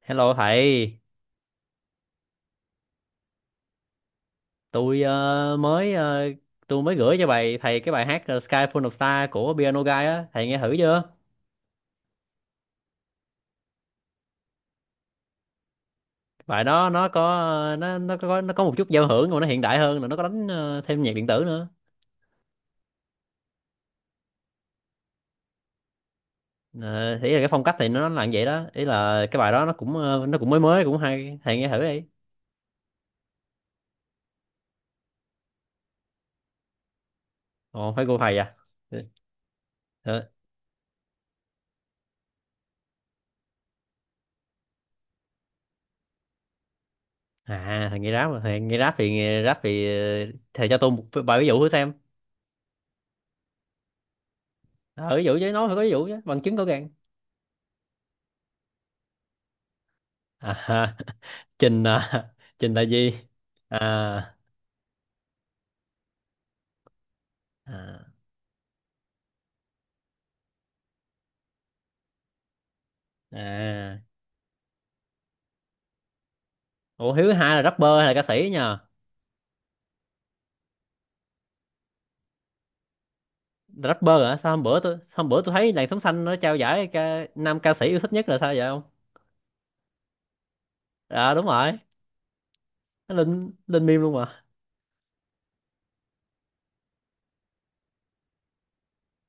Hello thầy, tôi ờ, mới ờ, tôi mới gửi cho bài thầy cái bài hát Sky Full of Stars của Piano Guy á, thầy nghe thử chưa? Bài đó nó có một chút giao hưởng, mà nó hiện đại hơn, rồi nó có đánh thêm nhạc điện tử nữa. Ý là cái phong cách thì nó là như vậy đó, ý là cái bài đó nó cũng mới mới, cũng hay, thầy nghe thử đi. Ồ phải cô thầy à. Ờ, ờ. À, thầy nghe rap mà, thầy nghe rap thì thầy cho tôi một vài ví dụ thử xem. Ờ, ví dụ chứ, nói phải có ví dụ chứ, bằng chứng rõ ràng. À, ha. Trình à, Trình là gì? À. À, à. Ủa, Hiếu hai là rapper hay là ca sĩ nhờ? Rapper hả? Sao hôm bữa tôi thấy làn sống xanh nó trao giải nam ca sĩ yêu thích nhất là sao vậy không? À, đúng rồi. Nó lên lên meme luôn mà.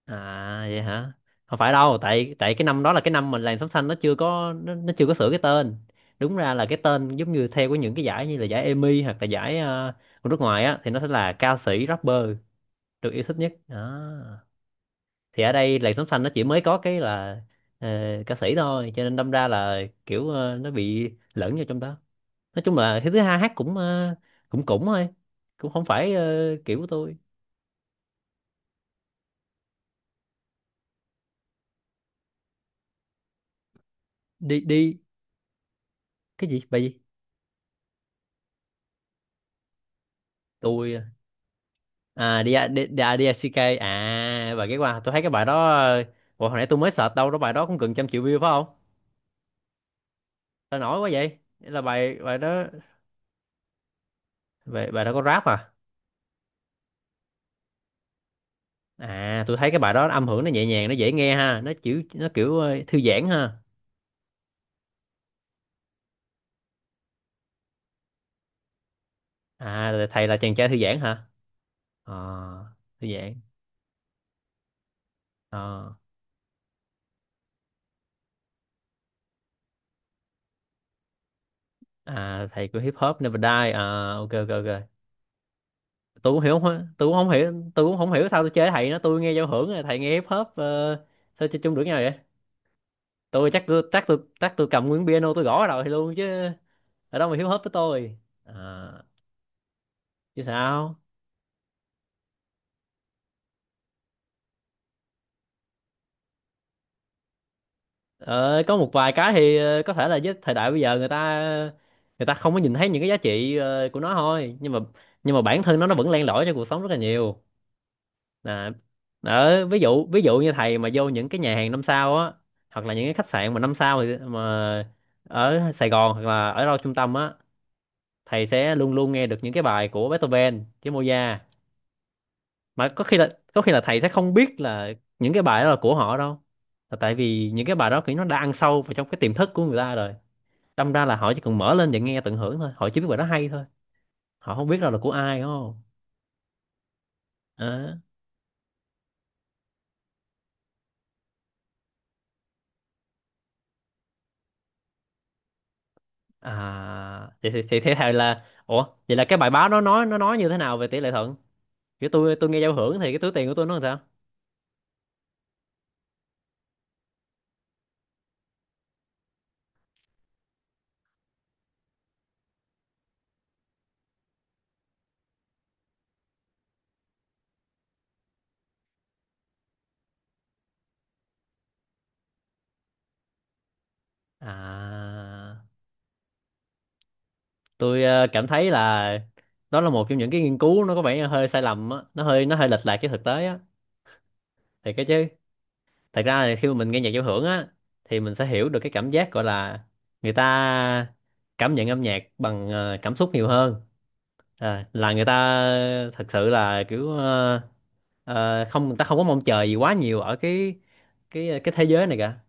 À vậy hả? Không phải đâu, tại tại cái năm đó là cái năm mà làn sống xanh nó chưa có sửa cái tên. Đúng ra là cái tên giống như theo của những cái giải như là giải Emmy, hoặc là giải của nước ngoài á, thì nó sẽ là ca sĩ rapper được yêu thích nhất đó. Thì ở đây làn sóng xanh nó chỉ mới có cái là ờ, ca sĩ thôi, cho nên đâm ra là kiểu nó bị lẫn vô trong đó. Nói chung là thứ thứ hai hát cũng cũng cũng thôi, cũng không phải kiểu của tôi. Đi đi. Cái gì? Bài gì? Tôi à, đi đi đi, à, đi, CK. À, bài ghé qua. Tôi thấy cái bài đó ủa, hồi nãy tôi mới search đâu đó, bài đó cũng gần trăm triệu view phải không? Sao nổi quá vậy? Là bài bài đó. Bài đó có rap à? À, tôi thấy cái bài đó âm hưởng nó nhẹ nhàng, nó dễ nghe ha, nó kiểu thư giãn ha. À, là thầy là chàng trai thư giãn hả? À, thư giãn. À, à thầy của hip hop Never Die à, ok ok ok. Tôi cũng không hiểu, sao tôi chơi thầy nó, tôi nghe giao hưởng rồi thầy nghe hip hop, sao chơi chung được nhau vậy? Tôi cầm nguyên piano, tôi gõ vào đầu thầy luôn chứ. Ở đâu mà hip hop với tôi. À, chứ sao. Ờ, có một vài cái thì có thể là với thời đại bây giờ người ta không có nhìn thấy những cái giá trị của nó thôi, nhưng mà bản thân nó vẫn len lỏi cho cuộc sống rất là nhiều. Nè, đó, ví dụ như thầy mà vô những cái nhà hàng năm sao á, hoặc là những cái khách sạn mà năm sao, thì mà ở Sài Gòn hoặc là ở đâu trung tâm á, thầy sẽ luôn luôn nghe được những cái bài của Beethoven với Mozart. Mà có khi là thầy sẽ không biết là những cái bài đó là của họ đâu, là tại vì những cái bài đó kiểu nó đã ăn sâu vào trong cái tiềm thức của người ta rồi. Đâm ra là họ chỉ cần mở lên và nghe tận hưởng thôi, họ chỉ biết bài đó hay thôi, họ không biết đâu là của ai, đúng không? Đó. À, thế thầy là, ủa, vậy là cái bài báo đó nó nói như thế nào về tỷ lệ thuận, kiểu tôi nghe giao hưởng thì cái túi tiền của tôi nó làm sao? À, tôi cảm thấy là đó là một trong những cái nghiên cứu, nó có vẻ hơi sai lầm á, nó hơi lệch lạc với thực tế á. Thì cái chứ, thật ra là khi mà mình nghe nhạc giao hưởng á, thì mình sẽ hiểu được cái cảm giác gọi là người ta cảm nhận âm nhạc bằng cảm xúc nhiều hơn. À, là người ta thật sự là kiểu không, người ta không có mong chờ gì quá nhiều ở cái cái thế giới này cả,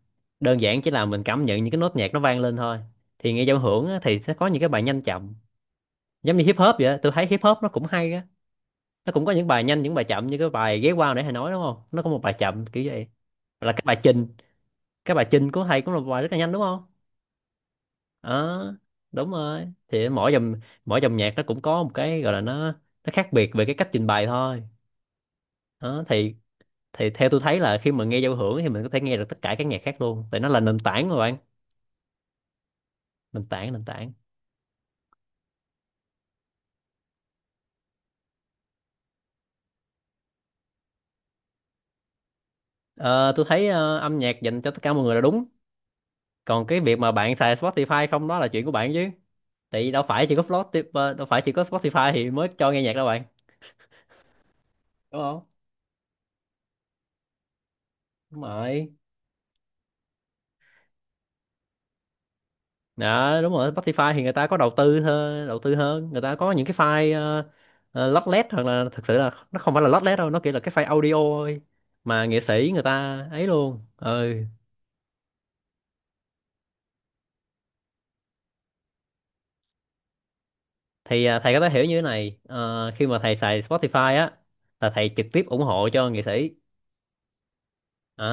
đơn giản chỉ là mình cảm nhận những cái nốt nhạc nó vang lên thôi. Thì nghe giao hưởng á, thì sẽ có những cái bài nhanh chậm, giống như hip hop vậy á. Tôi thấy hip hop nó cũng hay á, nó cũng có những bài nhanh những bài chậm, như cái bài ghé qua nãy thầy nói, đúng không, nó có một bài chậm kiểu vậy. Là cái bài trình, cái bài Chinh của thầy cũng là một bài rất là nhanh, đúng không? Ờ, đúng rồi. Thì mỗi dòng nhạc nó cũng có một cái gọi là nó khác biệt về cái cách trình bày thôi. Đó, thì theo tôi thấy là khi mà nghe giao hưởng thì mình có thể nghe được tất cả các nhạc khác luôn, tại nó là nền tảng mà bạn, nền tảng, nền tảng. Ờ, tôi thấy âm nhạc dành cho tất cả mọi người là đúng, còn cái việc mà bạn xài Spotify không đó là chuyện của bạn chứ, tại vì đâu phải chỉ có Spotify, đâu phải chỉ có Spotify thì mới cho nghe nhạc đâu bạn, đúng không? Đúng rồi. Dạ đúng rồi, Spotify thì người ta có đầu tư hơn, người ta có những cái file lót lét, hoặc là thực sự là nó không phải là lót lét đâu, nó kiểu là cái file audio thôi, mà nghệ sĩ người ta ấy luôn. Ừ, thì thầy có thể hiểu như thế này, khi mà thầy xài Spotify á là thầy trực tiếp ủng hộ cho nghệ sĩ. À,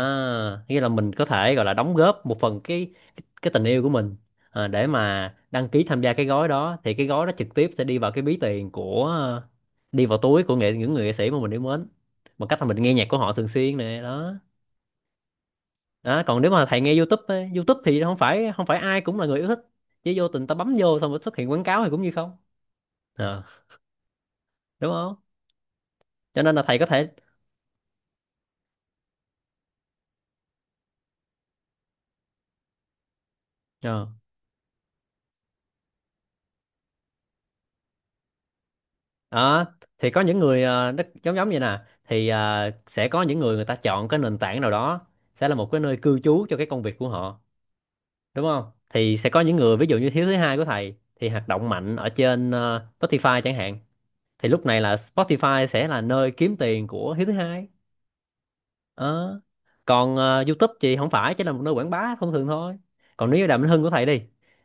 nghĩa là mình có thể gọi là đóng góp một phần cái tình yêu của mình, à, để mà đăng ký tham gia cái gói đó, thì cái gói đó trực tiếp sẽ đi vào cái ví tiền của đi vào túi của những người nghệ sĩ mà mình yêu mến, bằng cách là mình nghe nhạc của họ thường xuyên nè đó. Đó, còn nếu mà thầy nghe YouTube ấy, YouTube thì không phải ai cũng là người yêu thích, chứ vô tình ta bấm vô xong rồi xuất hiện quảng cáo thì cũng như không. Ờ, đúng không, cho nên là thầy có thể ờ, đó, thì có những người nó giống giống như nè, thì sẽ có những người, người ta chọn cái nền tảng nào đó sẽ là một cái nơi cư trú cho cái công việc của họ, đúng không? Thì sẽ có những người ví dụ như thiếu thứ hai của thầy thì hoạt động mạnh ở trên Spotify chẳng hạn, thì lúc này là Spotify sẽ là nơi kiếm tiền của hiếu thứ hai. Ờ. Còn YouTube thì không phải chỉ là một nơi quảng bá thông thường thôi. Còn nếu như Đàm Vĩnh Hưng của thầy đi,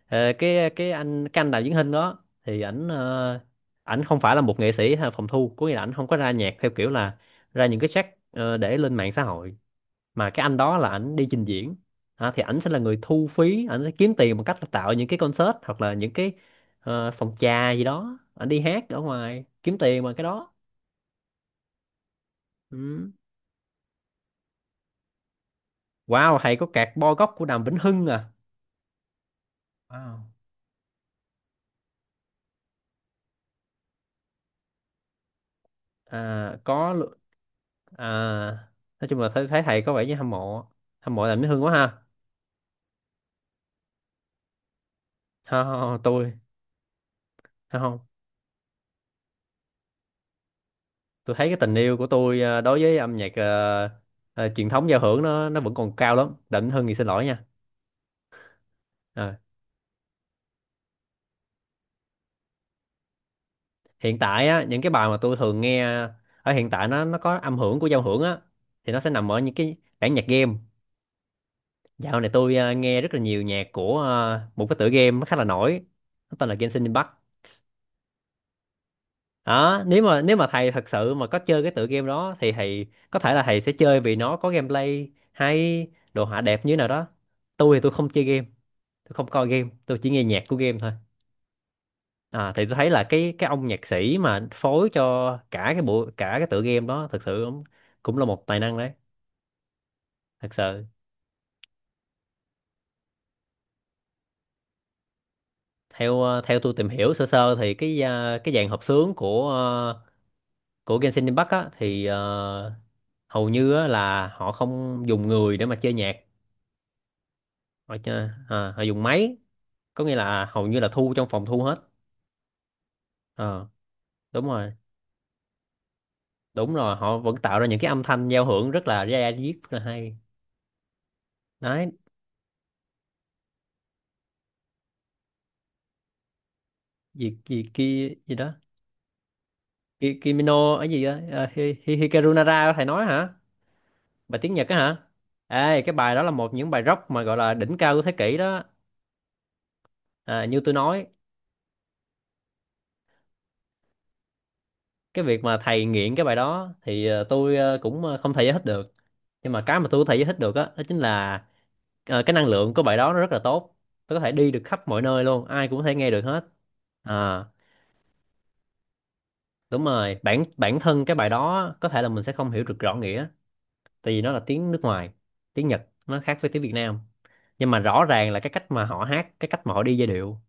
cái anh Đàm Vĩnh Hưng đó thì ảnh ảnh không phải là một nghệ sĩ hay phòng thu, có nghĩa là ảnh không có ra nhạc theo kiểu là ra những cái track để lên mạng xã hội, mà cái anh đó là ảnh đi trình diễn. Hả, thì ảnh sẽ là người thu phí, ảnh sẽ kiếm tiền bằng cách là tạo những cái concert, hoặc là những cái phòng trà gì đó, ảnh đi hát ở ngoài kiếm tiền bằng cái đó. Ừ. Wow, thầy có cạc bo góc của Đàm Vĩnh Hưng à? Wow. À, à, nói chung là thấy thầy có vẻ như hâm mộ, hâm mộ làm Mỹ hương quá ha. Không, không, không, tôi không, không. Tôi thấy cái tình yêu của tôi đối với âm nhạc truyền thống giao hưởng nó vẫn còn cao lắm. Đặng Hưng thì xin lỗi nha. Ờ, Hiện tại á những cái bài mà tôi thường nghe ở hiện tại nó có âm hưởng của giao hưởng á thì nó sẽ nằm ở những cái bản nhạc game. Dạo này tôi nghe rất là nhiều nhạc của một cái tựa game nó khá là nổi, nó tên là Genshin Impact. Đó, nếu mà thầy thật sự mà có chơi cái tựa game đó thì thầy có thể là thầy sẽ chơi vì nó có gameplay hay, đồ họa đẹp như thế nào đó. Tôi thì tôi không chơi game, tôi không coi game, tôi chỉ nghe nhạc của game thôi. Thì tôi thấy là cái ông nhạc sĩ mà phối cho cả cái bộ cả cái tựa game đó thật sự cũng cũng là một tài năng đấy, thật sự. Theo theo tôi tìm hiểu sơ sơ thì cái cái dàn hợp xướng của của Genshin Impact á thì ờ, hầu như á, là họ không dùng người để mà chơi nhạc. Họ chơi họ dùng máy, có nghĩa là hầu như là thu trong phòng thu hết. Ờ, đúng rồi. Đúng rồi, họ vẫn tạo ra những cái âm thanh giao hưởng rất là ra diết, rất là hay đấy. Gì gì kia gì đó? Kimino ở gì đó à, Hi, Hi, Hikaru Nara thầy nói hả? Bài tiếng Nhật á hả? Ê, cái bài đó là một những bài rock mà gọi là đỉnh cao của thế kỷ đó. À, như tôi nói, cái việc mà thầy nghiện cái bài đó thì tôi cũng không thể giải thích được. Nhưng mà cái mà tôi có thể giải thích được á đó, chính là cái năng lượng của bài đó nó rất là tốt. Tôi có thể đi được khắp mọi nơi luôn, ai cũng có thể nghe được hết. À, đúng rồi, bản bản thân cái bài đó á, có thể là mình sẽ không hiểu được rõ nghĩa tại vì nó là tiếng nước ngoài. Tiếng Nhật nó khác với tiếng Việt Nam. Nhưng mà rõ ràng là cái cách mà họ hát, cái cách mà họ đi giai điệu,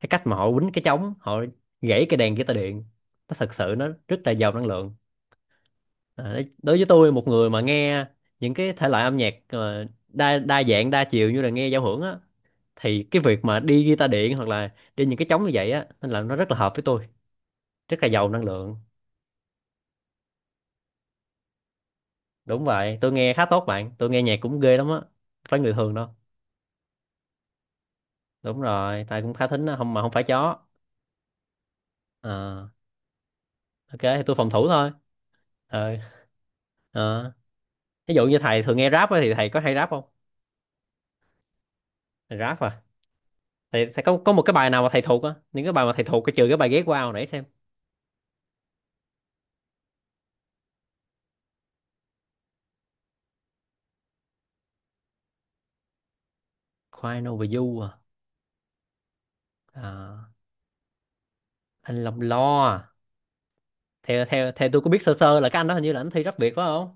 cái cách mà họ quýnh cái trống, họ gãy cái đàn guitar điện, nó thật sự nó rất là giàu năng lượng. Đối với tôi một người mà nghe những cái thể loại âm nhạc đa đa dạng đa chiều như là nghe giao hưởng á thì cái việc mà đi guitar điện hoặc là đi những cái trống như vậy á nên là nó rất là hợp với tôi. Rất là giàu năng lượng. Đúng vậy, tôi nghe khá tốt, bạn tôi nghe nhạc cũng ghê lắm á, không phải người thường đâu. Đúng rồi, tại cũng khá thính á, không mà không phải chó. Ờ, ok thì tôi phòng thủ thôi. Ờ. Ờ. Ví dụ như thầy thường nghe rap á thì thầy có hay rap không? Thầy rap à? Thầy có một cái bài nào mà thầy thuộc á, những cái bài mà thầy thuộc cái trừ cái bài ghét qua hồi nãy? Crying Over You à. À, anh Lòng Lo à. Theo theo theo tôi có biết sơ sơ là cái anh đó hình như là anh thi rap Việt phải không?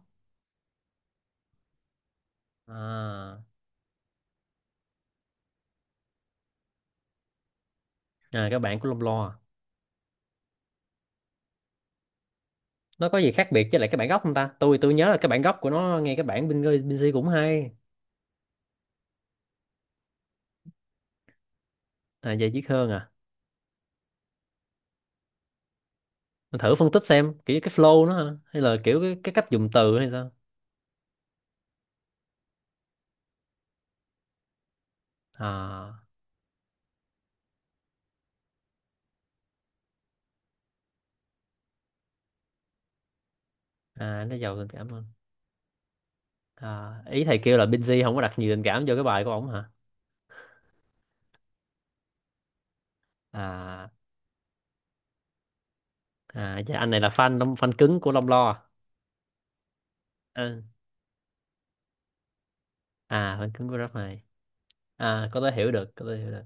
À, à cái bản của Long Lo à. Nó có gì khác biệt với lại cái bản gốc không ta? Tôi nhớ là cái bản gốc của nó nghe cái bản bên bên C cũng hay. À vậy Chí hơn à? Mình thử phân tích xem kiểu cái flow nó hả? Hay là kiểu cái cách dùng từ hay sao? À. À nó giàu tình cảm hơn. À, ý thầy kêu là Binz không có đặt nhiều tình cảm vô cái bài của ổng hả? À. À dạ, anh này là fan fan cứng của Long Lo à? À, à phần cứng của Grab này. À có thể hiểu được, có thể hiểu được.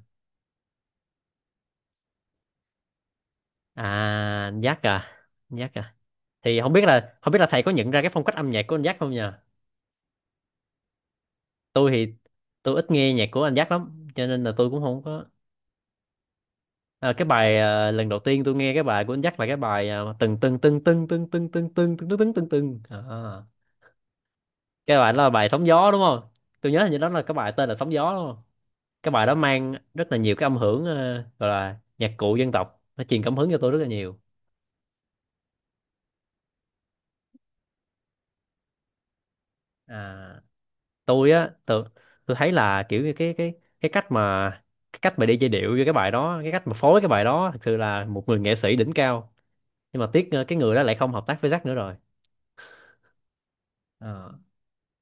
À, anh Jack à? Anh Jack à? Thì không biết là không biết là thầy có nhận ra cái phong cách âm nhạc của anh giác không nhờ? Tôi thì tôi ít nghe nhạc của anh giác lắm cho nên là tôi cũng không có. À, cái bài à, lần đầu tiên tôi nghe cái bài của anh giác là cái bài à, từng từng từng từng từng từng từng từng từng từng từng từng từng à. Cái bài đó là bài sóng gió đúng không? Tôi nhớ hình như đó là cái bài tên là sóng gió đúng không? Cái bài đó mang rất là nhiều cái âm hưởng gọi là nhạc cụ dân tộc, nó truyền cảm hứng cho tôi rất là nhiều. À, tôi á tôi, tôi thấy là kiểu như cái cái cách mà cái cách mà đi giai điệu với cái bài đó, cái cách mà phối cái bài đó, thật sự là một người nghệ sĩ đỉnh cao. Nhưng mà tiếc cái người đó lại không hợp tác với Jack nữa rồi. Ờ,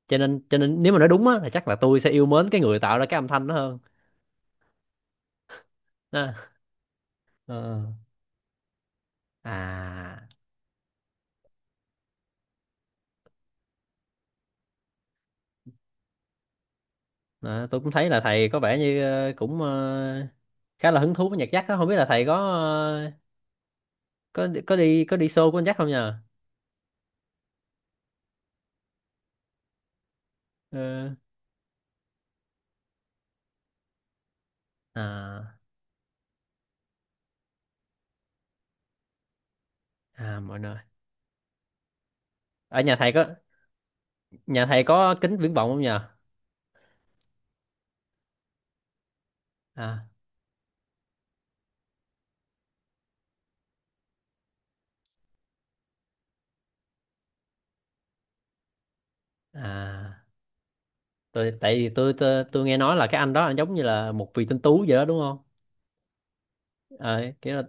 cho nên nếu mà nói đúng á thì chắc là tôi sẽ yêu mến cái người tạo ra cái âm thanh đó hơn. Đó. Ờ. À đó, tôi cũng thấy là thầy có vẻ như cũng khá là hứng thú với nhạc Jack đó, không biết là thầy có có có đi show của anh Jack không nhờ? Ờ. À. À mọi nơi. Ở nhà thầy có? Nhà thầy có kính viễn vọng không nhờ? À. À, tôi tại vì tôi nghe nói là cái anh đó anh giống như là một vị tinh tú vậy đó đúng không? À, kiểu là,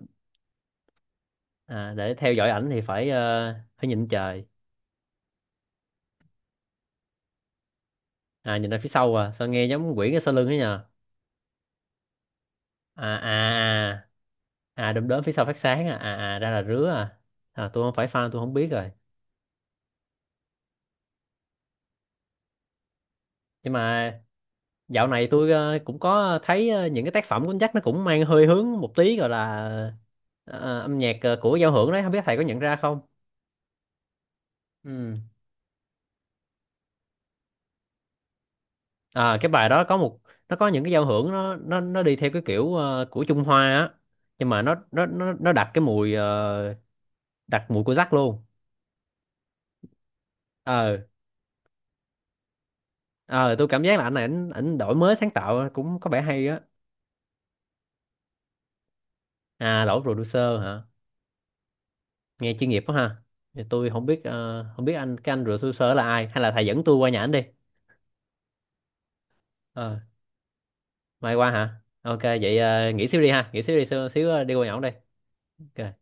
à, để theo dõi ảnh thì phải phải nhìn trời, à nhìn ra phía sau à, sao nghe giống quỷ cái sau lưng ấy nhờ? À à. À, à đom đóm phía sau phát sáng à, à à ra là rứa à. À tôi không phải fan, tôi không biết rồi. Nhưng mà dạo này tôi cũng có thấy những cái tác phẩm của anh Jack nó cũng mang hơi hướng một tí gọi là âm nhạc của giao hưởng đấy, không biết thầy có nhận ra không? Ừ. À, cái bài đó có một, nó có những cái giao hưởng nó đi theo cái kiểu của Trung Hoa á, nhưng mà nó đặt cái mùi đặt mùi của Jack luôn. Ờ. Ờ, tôi cảm giác là anh này ảnh ảnh đổi mới sáng tạo cũng có vẻ hay á. À đổi producer hả? Nghe chuyên nghiệp quá ha. Thì tôi không biết không biết anh anh producer là ai, hay là thầy dẫn tôi qua nhà ảnh đi. Ờ, mai qua hả? Ok vậy nghỉ xíu đi ha, nghỉ xíu đi xíu đi qua nhà ổng đi. Ok.